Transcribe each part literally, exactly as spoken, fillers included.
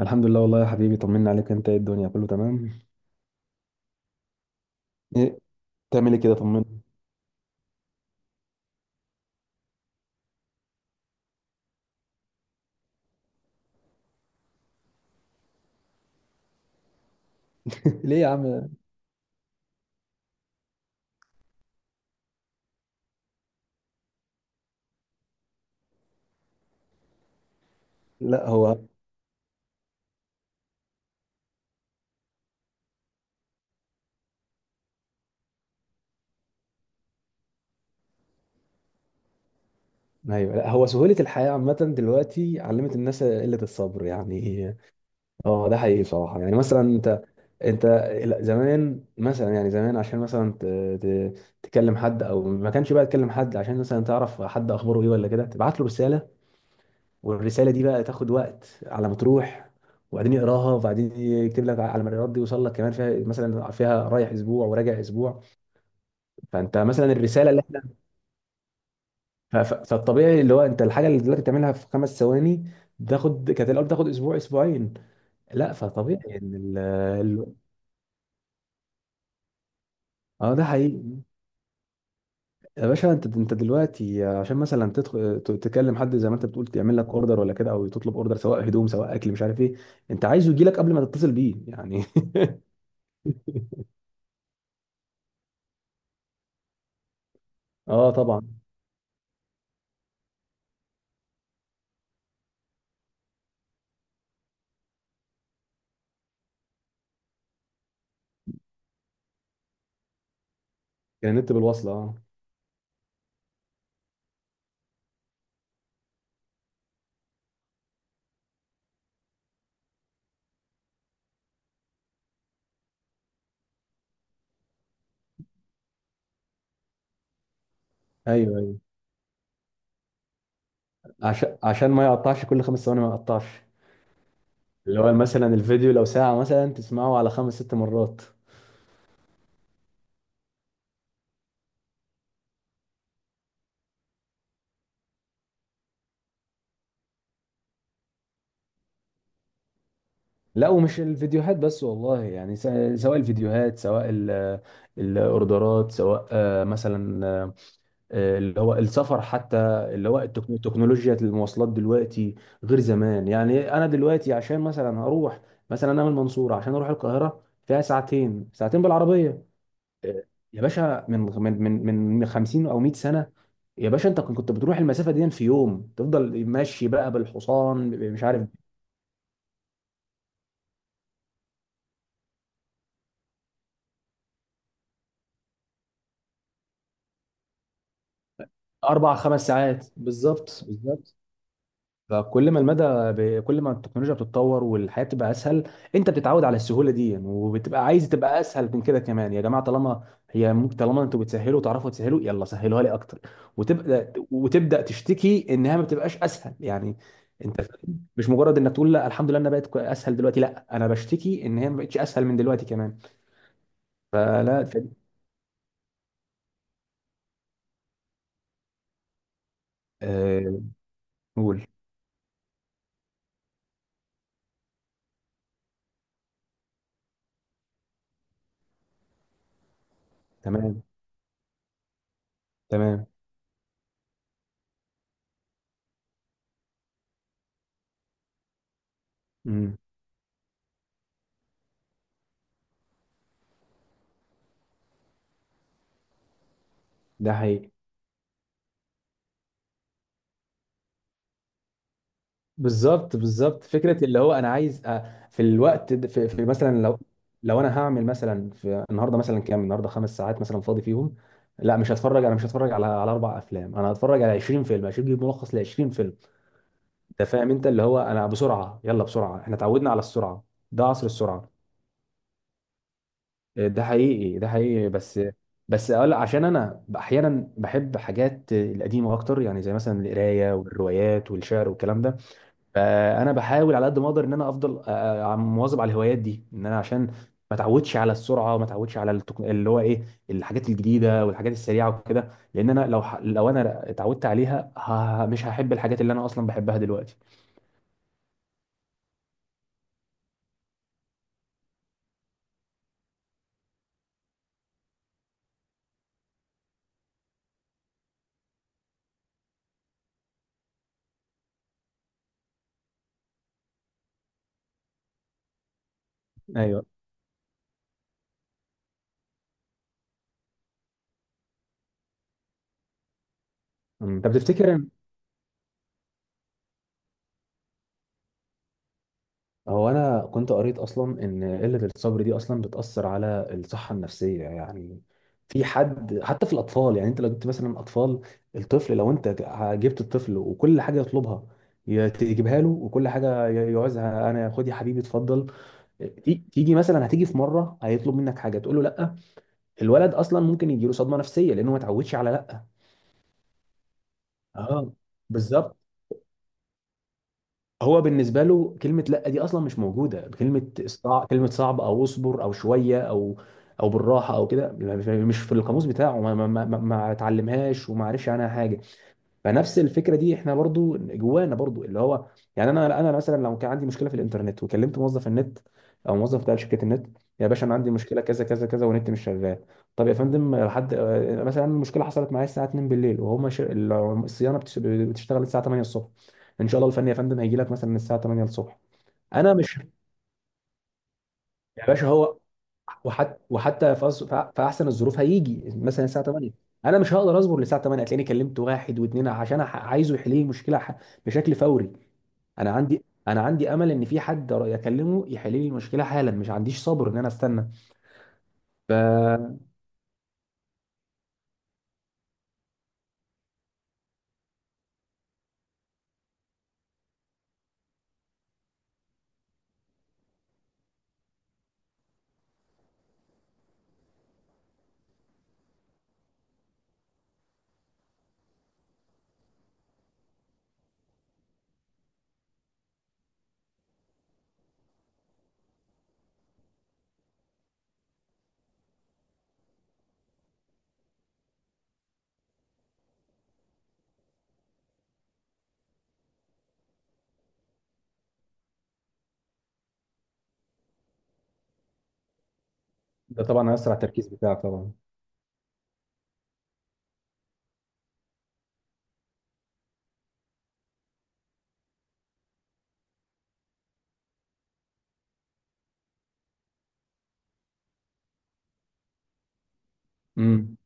الحمد لله والله يا حبيبي، طمنا عليك. انت ايه الدنيا، كله تمام؟ ايه، بتعمل ايه كده؟ طمنا. ليه يا عم؟ لا هو. ايوه، لا هو سهولة الحياة عامة دلوقتي علمت الناس قلة الصبر يعني. اه ده حقيقي بصراحة، يعني مثلا انت، انت لا، زمان مثلا، يعني زمان عشان مثلا ت... ت... تكلم حد، او ما كانش بقى تكلم حد عشان مثلا تعرف حد اخباره ايه ولا كده، تبعت له رسالة، والرساله دي بقى تاخد وقت على ما تروح، وبعدين يقراها وبعدين يكتب لك على ما الرد يوصل لك كمان، فيها مثلا، فيها رايح اسبوع وراجع اسبوع. فانت مثلا الرساله اللي احنا، ف- ف- فالطبيعي اللي هو انت الحاجه اللي دلوقتي بتعملها في خمس ثواني، تاخد كانت الاول تاخد اسبوع اسبوعين. لا فطبيعي ان ال ال- اه ده حقيقي. يا باشا انت، انت دلوقتي عشان مثلا تدخل ت- تكلم حد زي ما انت بتقول يعمل لك اوردر ولا كده، او تطلب اوردر سواء هدوم سواء اكل مش عارف ايه، انت عايزه يجي لك قبل ما تتصل بيه يعني. اه طبعا. كان النت بالوصلة اه. ايوه ايوه، عشان عشان ما يقطعش كل خمس ثواني، ما يقطعش. اللي هو مثلا الفيديو لو ساعة مثلا تسمعه على خمس ست مرات. لا ومش الفيديوهات بس والله، يعني س- سواء الفيديوهات، سواء ال- الاوردرات، سواء آه، مثلا آه، اللي هو السفر حتى، اللي هو التكنو- تكنولوجيا المواصلات دلوقتي غير زمان. يعني انا دلوقتي عشان مثلا هروح مثلا، انا من المنصورة عشان اروح القاهرة فيها ساعتين ساعتين بالعربية. يا باشا من من من من خمسين او مئة سنه. يا باشا انت كنت بتروح المسافه دي في يوم، تفضل ماشي بقى بالحصان مش عارف. اربع خمس ساعات، بالظبط بالظبط. فكل ما المدى، ب... كل ما التكنولوجيا بتتطور والحياه بتبقى اسهل، انت بتتعود على السهوله دي وبتبقى عايز تبقى اسهل من كده كمان. يا جماعه طالما هي ممكن، طالما انتوا بتسهلوا وتعرفوا تسهلوا يلا سهلوها لي اكتر، وتبدا، وتبدا تشتكي انها ما بتبقاش اسهل يعني. مش مجرد انك تقول لا الحمد لله انا بقت كو- اسهل دلوقتي، لا انا بشتكي ان هي ما بقتش اسهل من دلوقتي كمان. فلا، ف- آه، نقول. تمام تمام. امم. ده حقيقي. بالظبط بالظبط، فكره اللي هو انا عايز آه، في الوقت ده- في, في مثلا، لو لو انا هعمل مثلا في النهارده، مثلا كام النهارده خمس ساعات مثلا فاضي فيهم، لا مش هتفرج، انا مش هتفرج على على اربع افلام، انا هتفرج على عشرين فيلم، هجيب ملخص ل عشرين فيلم. انت فاهم انت، اللي هو انا بسرعه يلا بسرعه، احنا اتعودنا على السرعه. ده عصر السرعه. ده حقيقي ده حقيقي، بس بس اقول عشان انا احيانا بحب حاجات القديمه اكتر، يعني زي مثلا القرايه والروايات والشعر والكلام ده. فانا بحاول على قد ما اقدر ان انا افضل أ- أ- مواظب على الهوايات دي، ان انا عشان ما اتعودش على السرعه وما اتعودش على التك... اللي هو ايه، الحاجات الجديده والحاجات السريعه وكده، لان انا لو ح... لو انا اتعودت عليها ه... مش هحب الحاجات اللي انا اصلا بحبها دلوقتي. ايوه. أمم، طب تفتكر؟ هو انا كنت قريت اصلا ان قله الصبر دي اصلا بتاثر على الصحه النفسيه يعني، في حد حتى في الاطفال. يعني انت لو جبت مثلا اطفال، الطفل لو انت جبت الطفل وكل حاجه يطلبها ي- تجيبها له، وكل حاجه ي- يعوزها انا خد يا حبيبي اتفضل. تي- تيجي مثلا، هتيجي في مره هيطلب منك حاجه تقول له لا، الولد اصلا ممكن يجي له صدمه نفسيه لانه ما اتعودش على لا. اه بالظبط. هو بالنسبه له كلمه لا دي اصلا مش موجوده، كلمه استع... كلمه صعب او اصبر او شويه، او او بالراحه او كده، يعني مش في القاموس بتاعه، ما ما ما, ما ما اتعلمهاش وما عرفش عنها حاجه. فنفس الفكره دي احنا برضو جوانا برضو اللي هو، يعني انا، انا مثلا لو كان عندي مشكله في الانترنت وكلمت موظف النت او موظف بتاع شركه النت، يا باشا انا عندي مشكله كذا كذا كذا والنت مش شغال، طب يا فندم لحد آه، مثلا المشكله حصلت معايا الساعه اتنين بالليل، وهما ش... الصيانه بتش- بتشتغل الساعه تمانية الصبح، ان شاء الله الفني يا فندم هيجي لك مثلا الساعه تمانية الصبح. انا مش، يا باشا هو، وحتى وحتى في أص- في احسن الظروف هيجي مثلا الساعه تمانية، انا مش هقدر اصبر للساعه تمانية، هتلاقيني كلمت واحد واثنين عشان أح- عايزه يحل لي المشكله ح- بشكل فوري. انا عندي انا عندي امل ان في حد اكلمه يحل لي المشكله حالا، مش عنديش صبر ان انا استنى. ف، ده طبعا هيأثر على التركيز بتاعك طبعا. امم.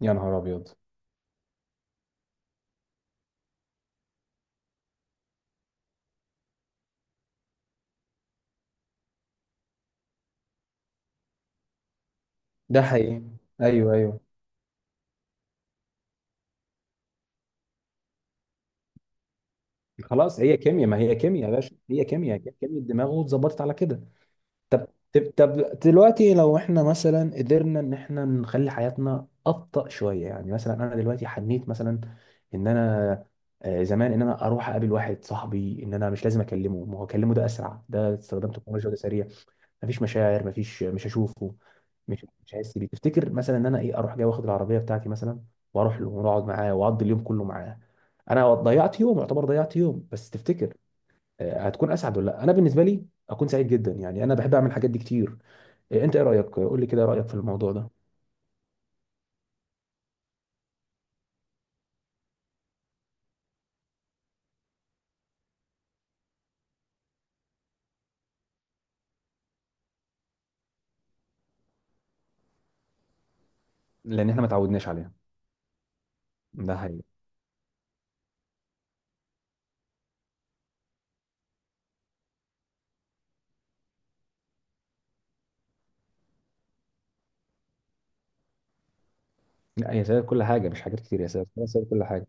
يا نهار ابيض. ده حقيقي. ايوه ايوه. خلاص هي كيمياء، ما هي كيمياء يا باشا، هي كيمياء كيمياء الدماغ واتظبطت على كده. طب، طب طب دلوقتي لو احنا مثلا قدرنا ان احنا نخلي حياتنا ابطأ شويه، يعني مثلا انا دلوقتي حنيت مثلا ان انا، آه، زمان ان انا اروح اقابل واحد صاحبي ان انا مش لازم اكلمه، ما هو اكلمه ده اسرع ده استخدام تكنولوجيا وده سريع، مفيش مشاعر مفيش، مش هشوفه مش مش هحس بيه. تفتكر مثلا ان انا ايه اروح جاي واخد العربيه بتاعتي مثلا، واروح له ونقعد معاه واقضي اليوم كله معاه، انا ضيعت يوم، يعتبر ضيعت يوم، بس تفتكر آه، هتكون اسعد ولا لا؟ انا بالنسبه لي اكون سعيد جدا، يعني انا بحب اعمل الحاجات دي كتير. آه، انت ايه رايك، قول لي كده رايك في الموضوع ده. لان احنا ما تعودناش عليها. ده حقيقي. لا، هي سبب كل حاجه مش حاجات كتير، يا سبب هي سبب كل حاجه.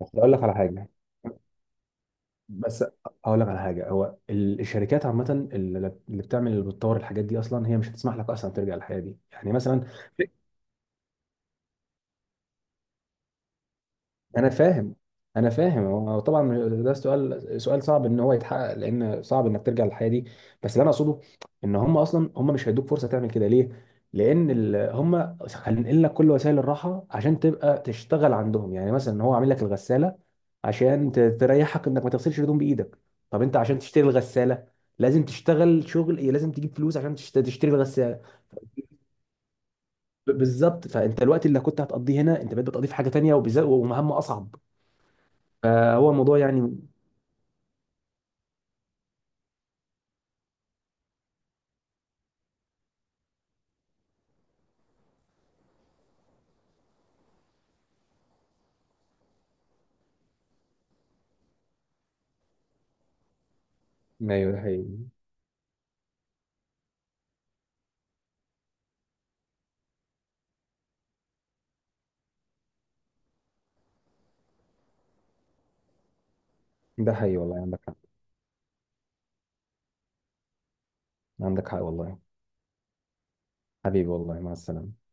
بس اقول لك على حاجه، بس هقول لك على حاجه، هو ال- الشركات عامه، اللي اللي بتعمل، اللي بتطور الحاجات دي اصلا، هي مش هتسمح لك اصلا ترجع للحياه دي، يعني مثلا. انا فاهم انا فاهم. هو طبعا ده سؤال، سؤال صعب ان هو يتحقق، لان صعب انك ترجع للحياه دي. بس اللي انا اقصده ان هم اصلا هم مش هيدوك فرصه تعمل كده. ليه؟ لان ال- هم خلينا لك كل وسائل الراحه عشان تبقى تشتغل عندهم، يعني مثلا هو عامل لك الغساله عشان ت- تريحك انك ما تغسلش الهدوم بايدك. طب انت عشان تشتري الغساله لازم تشتغل شغل إيه؟ لازم تجيب فلوس عشان تشت- تشتري الغساله. ب- بالظبط، فانت الوقت اللي كنت هتقضيه هنا انت بقيت بتقضيه في حاجه تانيه وبالذات ومهمه اصعب، فهو الموضوع يعني. ايوه ده حقيقي. ده حقيقي والله. عندك حق، عندك حق والله. حبيبي والله، مع السلامة.